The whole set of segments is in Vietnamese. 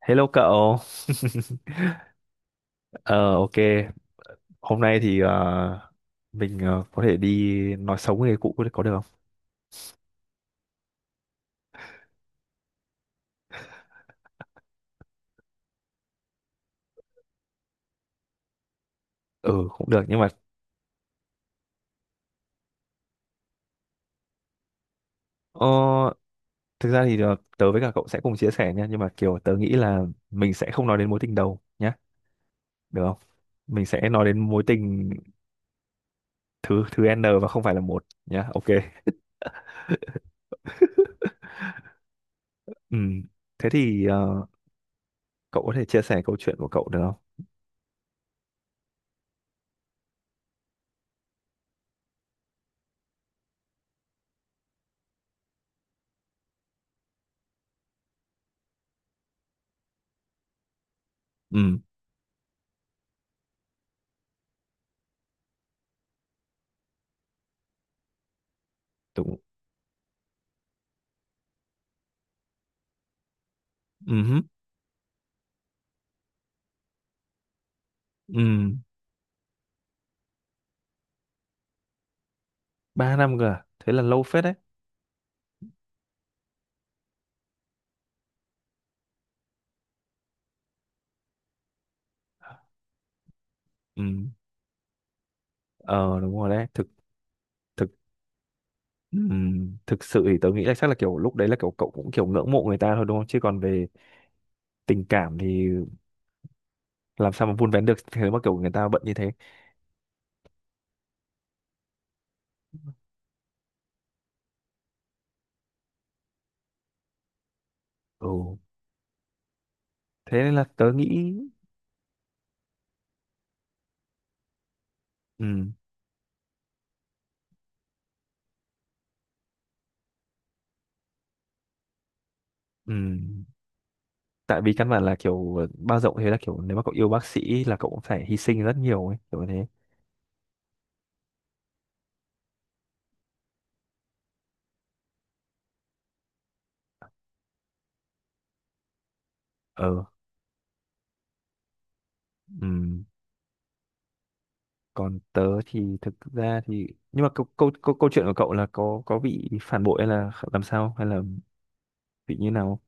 Hello cậu. Ờ ok, hôm nay thì mình có thể đi nói xấu người cũ có được không? Ừ cũng được nhưng mà ờ, thực ra thì tớ với cả cậu sẽ cùng chia sẻ nha, nhưng mà kiểu tớ nghĩ là mình sẽ không nói đến mối tình đầu nhá, được không? Mình sẽ nói đến mối tình thứ thứ N và không phải là một nhá. Ok. Ừ. Thế thì cậu có thể chia sẻ câu chuyện của cậu được không? Ừ, đúng. Ừ hứ. Ừ. Ba năm cơ à? Thế là lâu phết đấy. Ừ. Ờ đúng rồi đấy. Thực thực thực sự thì tớ nghĩ là chắc là kiểu lúc đấy là kiểu cậu cũng kiểu ngưỡng mộ người ta thôi đúng không? Chứ còn về tình cảm thì làm sao mà vun vén được thế mà kiểu người ta bận như thế. Ừ. Thế nên là tớ nghĩ ừm, ừm, tại vì căn bản là kiểu bao rộng thế, là kiểu nếu mà cậu yêu bác sĩ là cậu cũng phải hy sinh rất nhiều ấy, kiểu như thế. Ờ. Ừm. Còn tớ thì thực ra thì nhưng mà câu chuyện của cậu là có bị phản bội hay là làm sao, hay là bị như nào?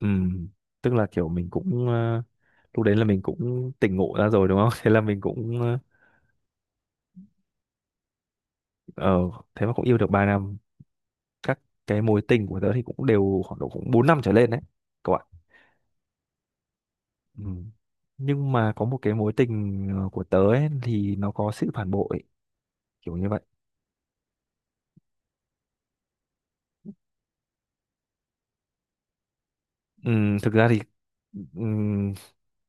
Ừm, tức là kiểu mình cũng lúc đấy là mình cũng tỉnh ngộ ra rồi đúng không, thế là mình cũng ờ, thế mà cũng yêu được 3 năm. Các cái mối tình của tớ thì cũng đều khoảng độ cũng 4 năm trở lên đấy các bạn. Ừ. Nhưng mà có một cái mối tình của tớ ấy, thì nó có sự phản bội, kiểu như vậy. ừ, Thực ra thì ừ,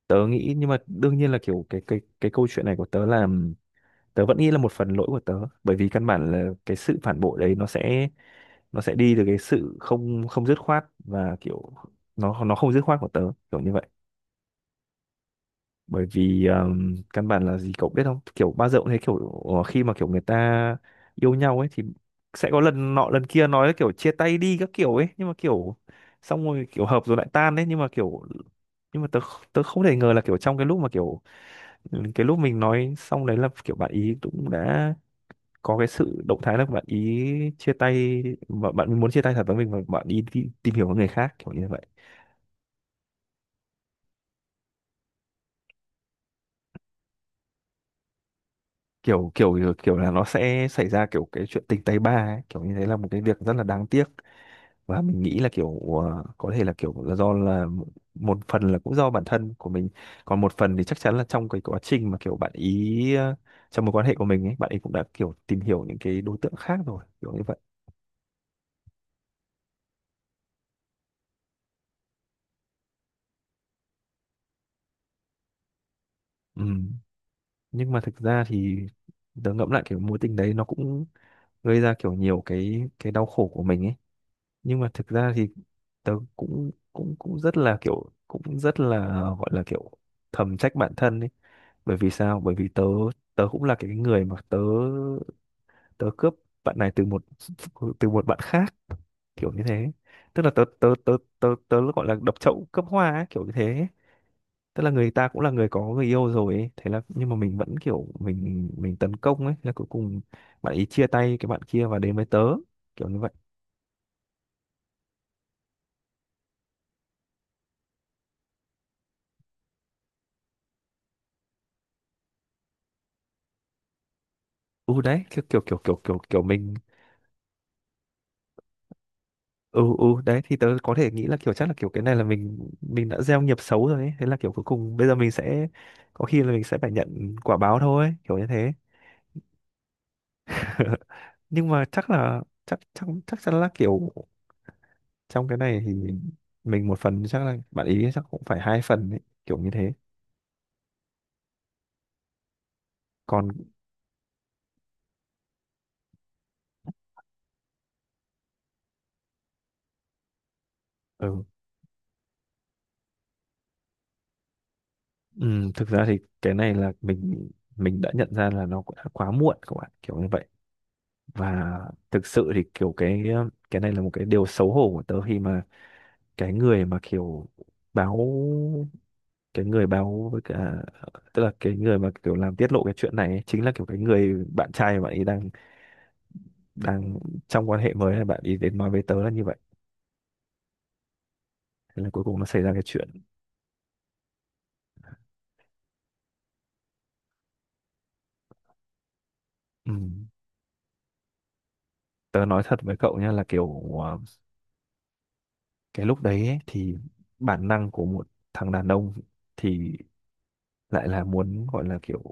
tớ nghĩ, nhưng mà đương nhiên là kiểu cái câu chuyện này của tớ là tớ vẫn nghĩ là một phần lỗi của tớ, bởi vì căn bản là cái sự phản bội đấy nó sẽ, nó sẽ đi từ cái sự không không dứt khoát, và kiểu nó không dứt khoát của tớ, kiểu như vậy. Bởi vì căn bản là gì cậu biết không, kiểu bao giờ cũng thấy kiểu khi mà kiểu người ta yêu nhau ấy thì sẽ có lần nọ lần kia nói là kiểu chia tay đi các kiểu ấy, nhưng mà kiểu xong rồi kiểu hợp rồi lại tan đấy, nhưng mà kiểu nhưng mà tớ không thể ngờ là kiểu trong cái lúc mà kiểu cái lúc mình nói xong đấy là kiểu bạn ý cũng đã có cái sự động thái là bạn ý chia tay, và bạn muốn chia tay thật với mình và bạn ý đi tìm hiểu với người khác, kiểu như vậy. Kiểu kiểu kiểu, Là nó sẽ xảy ra kiểu cái chuyện tình tay ba ấy, kiểu như thế là một cái việc rất là đáng tiếc. Và mình nghĩ là kiểu có thể là kiểu là do là một phần là cũng do bản thân của mình, còn một phần thì chắc chắn là trong cái quá trình mà kiểu bạn ý trong mối quan hệ của mình ấy bạn ấy cũng đã kiểu tìm hiểu những cái đối tượng khác rồi, kiểu như vậy. Ừ. Nhưng mà thực ra thì tớ ngẫm lại kiểu mối tình đấy nó cũng gây ra kiểu nhiều cái đau khổ của mình ấy, nhưng mà thực ra thì tớ cũng cũng cũng rất là, kiểu cũng rất là gọi là kiểu thầm trách bản thân ấy. Bởi vì sao, bởi vì tớ, tớ cũng là cái người mà tớ tớ cướp bạn này từ một, từ một bạn khác, kiểu như thế. Tức là tớ tớ tớ tớ tớ gọi là đập chậu cướp hoa ấy, kiểu như thế. Tức là người ta cũng là người có người yêu rồi ấy, thế là nhưng mà mình vẫn kiểu mình tấn công ấy, là cuối cùng bạn ấy chia tay cái bạn kia và đến với tớ, kiểu như vậy. Ừ Đấy kiểu kiểu kiểu kiểu kiểu kiểu mình ừ đấy thì tớ có thể nghĩ là kiểu chắc là kiểu cái này là mình đã gieo nghiệp xấu rồi ấy, thế là kiểu cuối cùng bây giờ mình sẽ, có khi là mình sẽ phải nhận quả báo thôi, kiểu như thế. Nhưng mà chắc là chắc chắc chắc chắn là kiểu trong cái này thì mình một phần, chắc là bạn ý chắc cũng phải hai phần ấy, kiểu như thế còn. Ừ. Ừ, thực ra thì cái này là mình đã nhận ra là nó cũng đã quá muộn các bạn, kiểu như vậy. Và thực sự thì kiểu cái này là một cái điều xấu hổ của tớ khi mà cái người mà kiểu báo, cái người báo với cả, tức là cái người mà kiểu làm tiết lộ cái chuyện này ấy, chính là kiểu cái người bạn trai mà bạn ấy đang đang trong quan hệ mới, là bạn ấy đến nói với tớ là như vậy. Thế là cuối cùng nó xảy ra cái chuyện. Ừ. Tớ nói thật với cậu nha là kiểu cái lúc đấy ấy, thì bản năng của một thằng đàn ông thì lại là muốn gọi là kiểu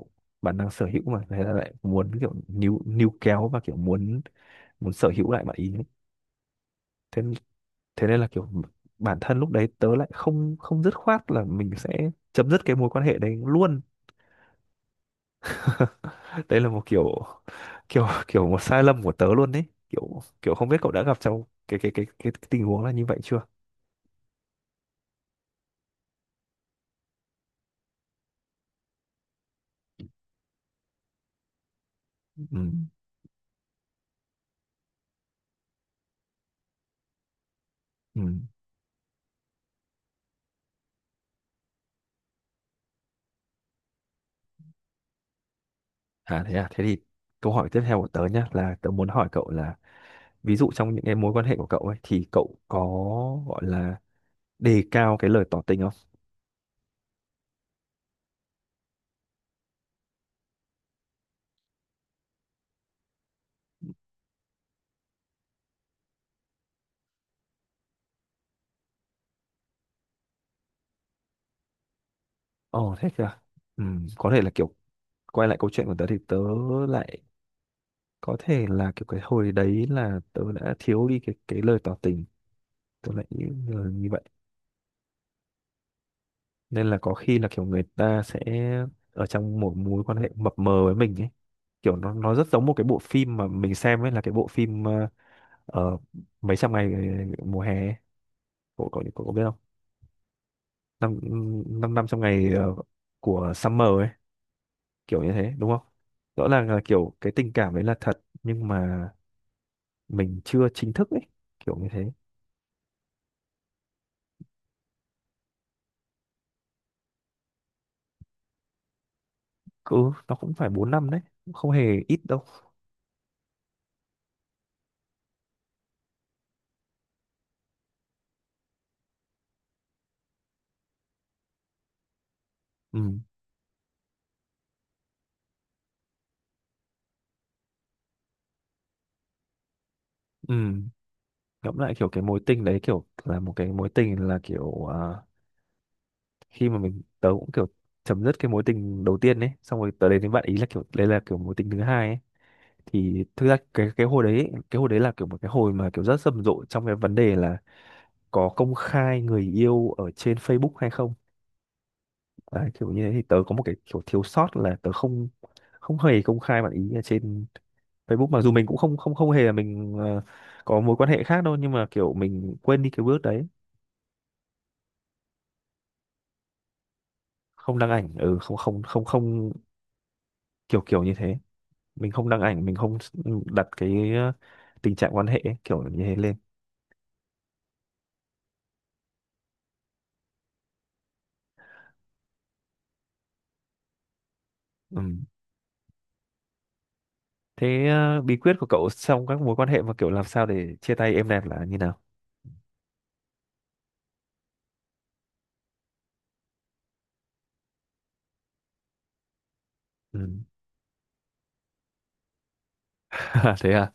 bản năng sở hữu mà, thế là lại muốn kiểu níu níu kéo và kiểu muốn, muốn sở hữu lại bạn ý ấy. Thế Thế nên là kiểu bản thân lúc đấy tớ lại không không dứt khoát là mình sẽ chấm dứt cái mối quan hệ đấy luôn. Đây là một kiểu kiểu kiểu một sai lầm của tớ luôn đấy, kiểu kiểu không biết cậu đã gặp trong cái tình huống là như vậy chưa. Ừ. Ừ. À, thế thì câu hỏi tiếp theo của tớ nhé, là tớ muốn hỏi cậu là ví dụ trong những cái mối quan hệ của cậu ấy, thì cậu có gọi là đề cao cái lời tỏ tình không? Ồ thế kìa. Có thể là kiểu quay lại câu chuyện của tớ, thì tớ lại, có thể là kiểu cái hồi đấy là tớ đã thiếu đi cái lời tỏ tình, tớ lại như như vậy. Nên là có khi là kiểu người ta sẽ ở trong một mối quan hệ mập mờ với mình ấy. Kiểu nó rất giống một cái bộ phim mà mình xem ấy, là cái bộ phim ờ, mấy trăm ngày mùa hè ấy. Cậu cậu Cậu có biết không, năm năm 500 ngày của summer ấy, kiểu như thế đúng không? Rõ ràng là kiểu cái tình cảm đấy là thật nhưng mà mình chưa chính thức ấy, kiểu như thế. Ừ. Nó cũng phải 4 năm đấy, cũng không hề ít đâu. ừ ừ Ngẫm lại kiểu cái mối tình đấy, kiểu là một cái mối tình là kiểu khi mà mình, tớ cũng kiểu chấm dứt cái mối tình đầu tiên ấy, xong rồi tớ đến với bạn ý là kiểu đấy là kiểu mối tình thứ hai ấy, thì thực ra cái hồi đấy là kiểu một cái hồi mà kiểu rất rầm rộ trong cái vấn đề là có công khai người yêu ở trên Facebook hay không. Đấy, kiểu như thế thì tớ có một cái kiểu thiếu sót là tớ không, không hề công khai bạn ý ở trên Facebook, mặc dù mình cũng không không không hề là mình có mối quan hệ khác đâu, nhưng mà kiểu mình quên đi cái bước đấy, không đăng ảnh. Ừ Không không không không, kiểu kiểu như thế, mình không đăng ảnh, mình không đặt cái tình trạng quan hệ ấy, kiểu như thế lên. Ừ. Thế bí quyết của cậu trong các mối quan hệ và kiểu làm sao để chia tay êm đẹp là như nào. Ừ. Thế à.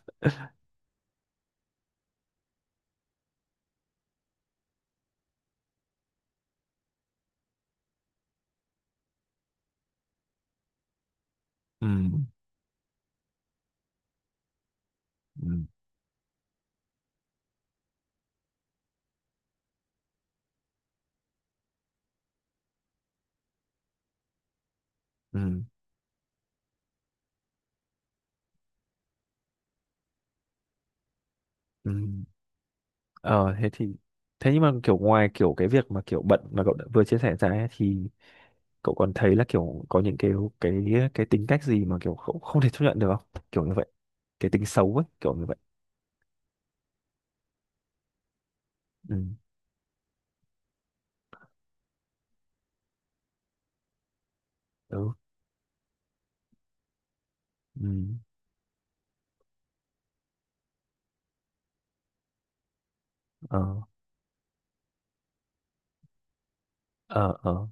Ừ. Ừ. Ừ. Ừ. ờ Thế thì, thế nhưng mà kiểu ngoài kiểu cái việc mà kiểu bận mà cậu đã vừa chia sẻ ra ấy, thì cậu còn thấy là kiểu có những cái cái tính cách gì mà kiểu không thể chấp nhận được không, kiểu như vậy, cái tính xấu ấy, kiểu như vậy. ừ ừ ừ ờ ờ ờ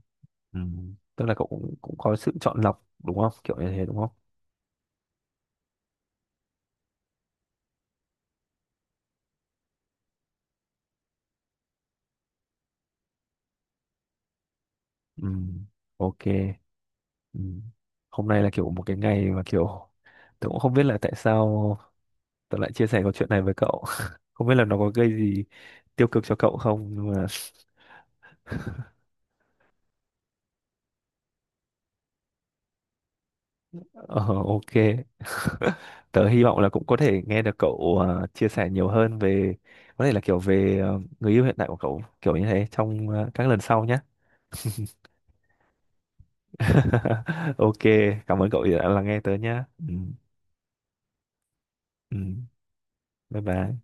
Ừ. Tức là cậu cũng, cũng có sự chọn lọc đúng không? Kiểu như thế đúng không? Ừ. Ok. Ừ. Hôm nay là kiểu một cái ngày mà kiểu tớ cũng không biết là tại sao tớ lại chia sẻ câu chuyện này với cậu. Không biết là nó có gây gì tiêu cực cho cậu không, nhưng mà ờ, ok. Tớ hy vọng là cũng có thể nghe được cậu chia sẻ nhiều hơn về, có thể là kiểu về người yêu hiện tại của cậu, kiểu như thế trong các lần sau nhé. Ok, cảm ơn cậu đã lắng nghe tớ nhé. Ừ. Ừ. Bye bye.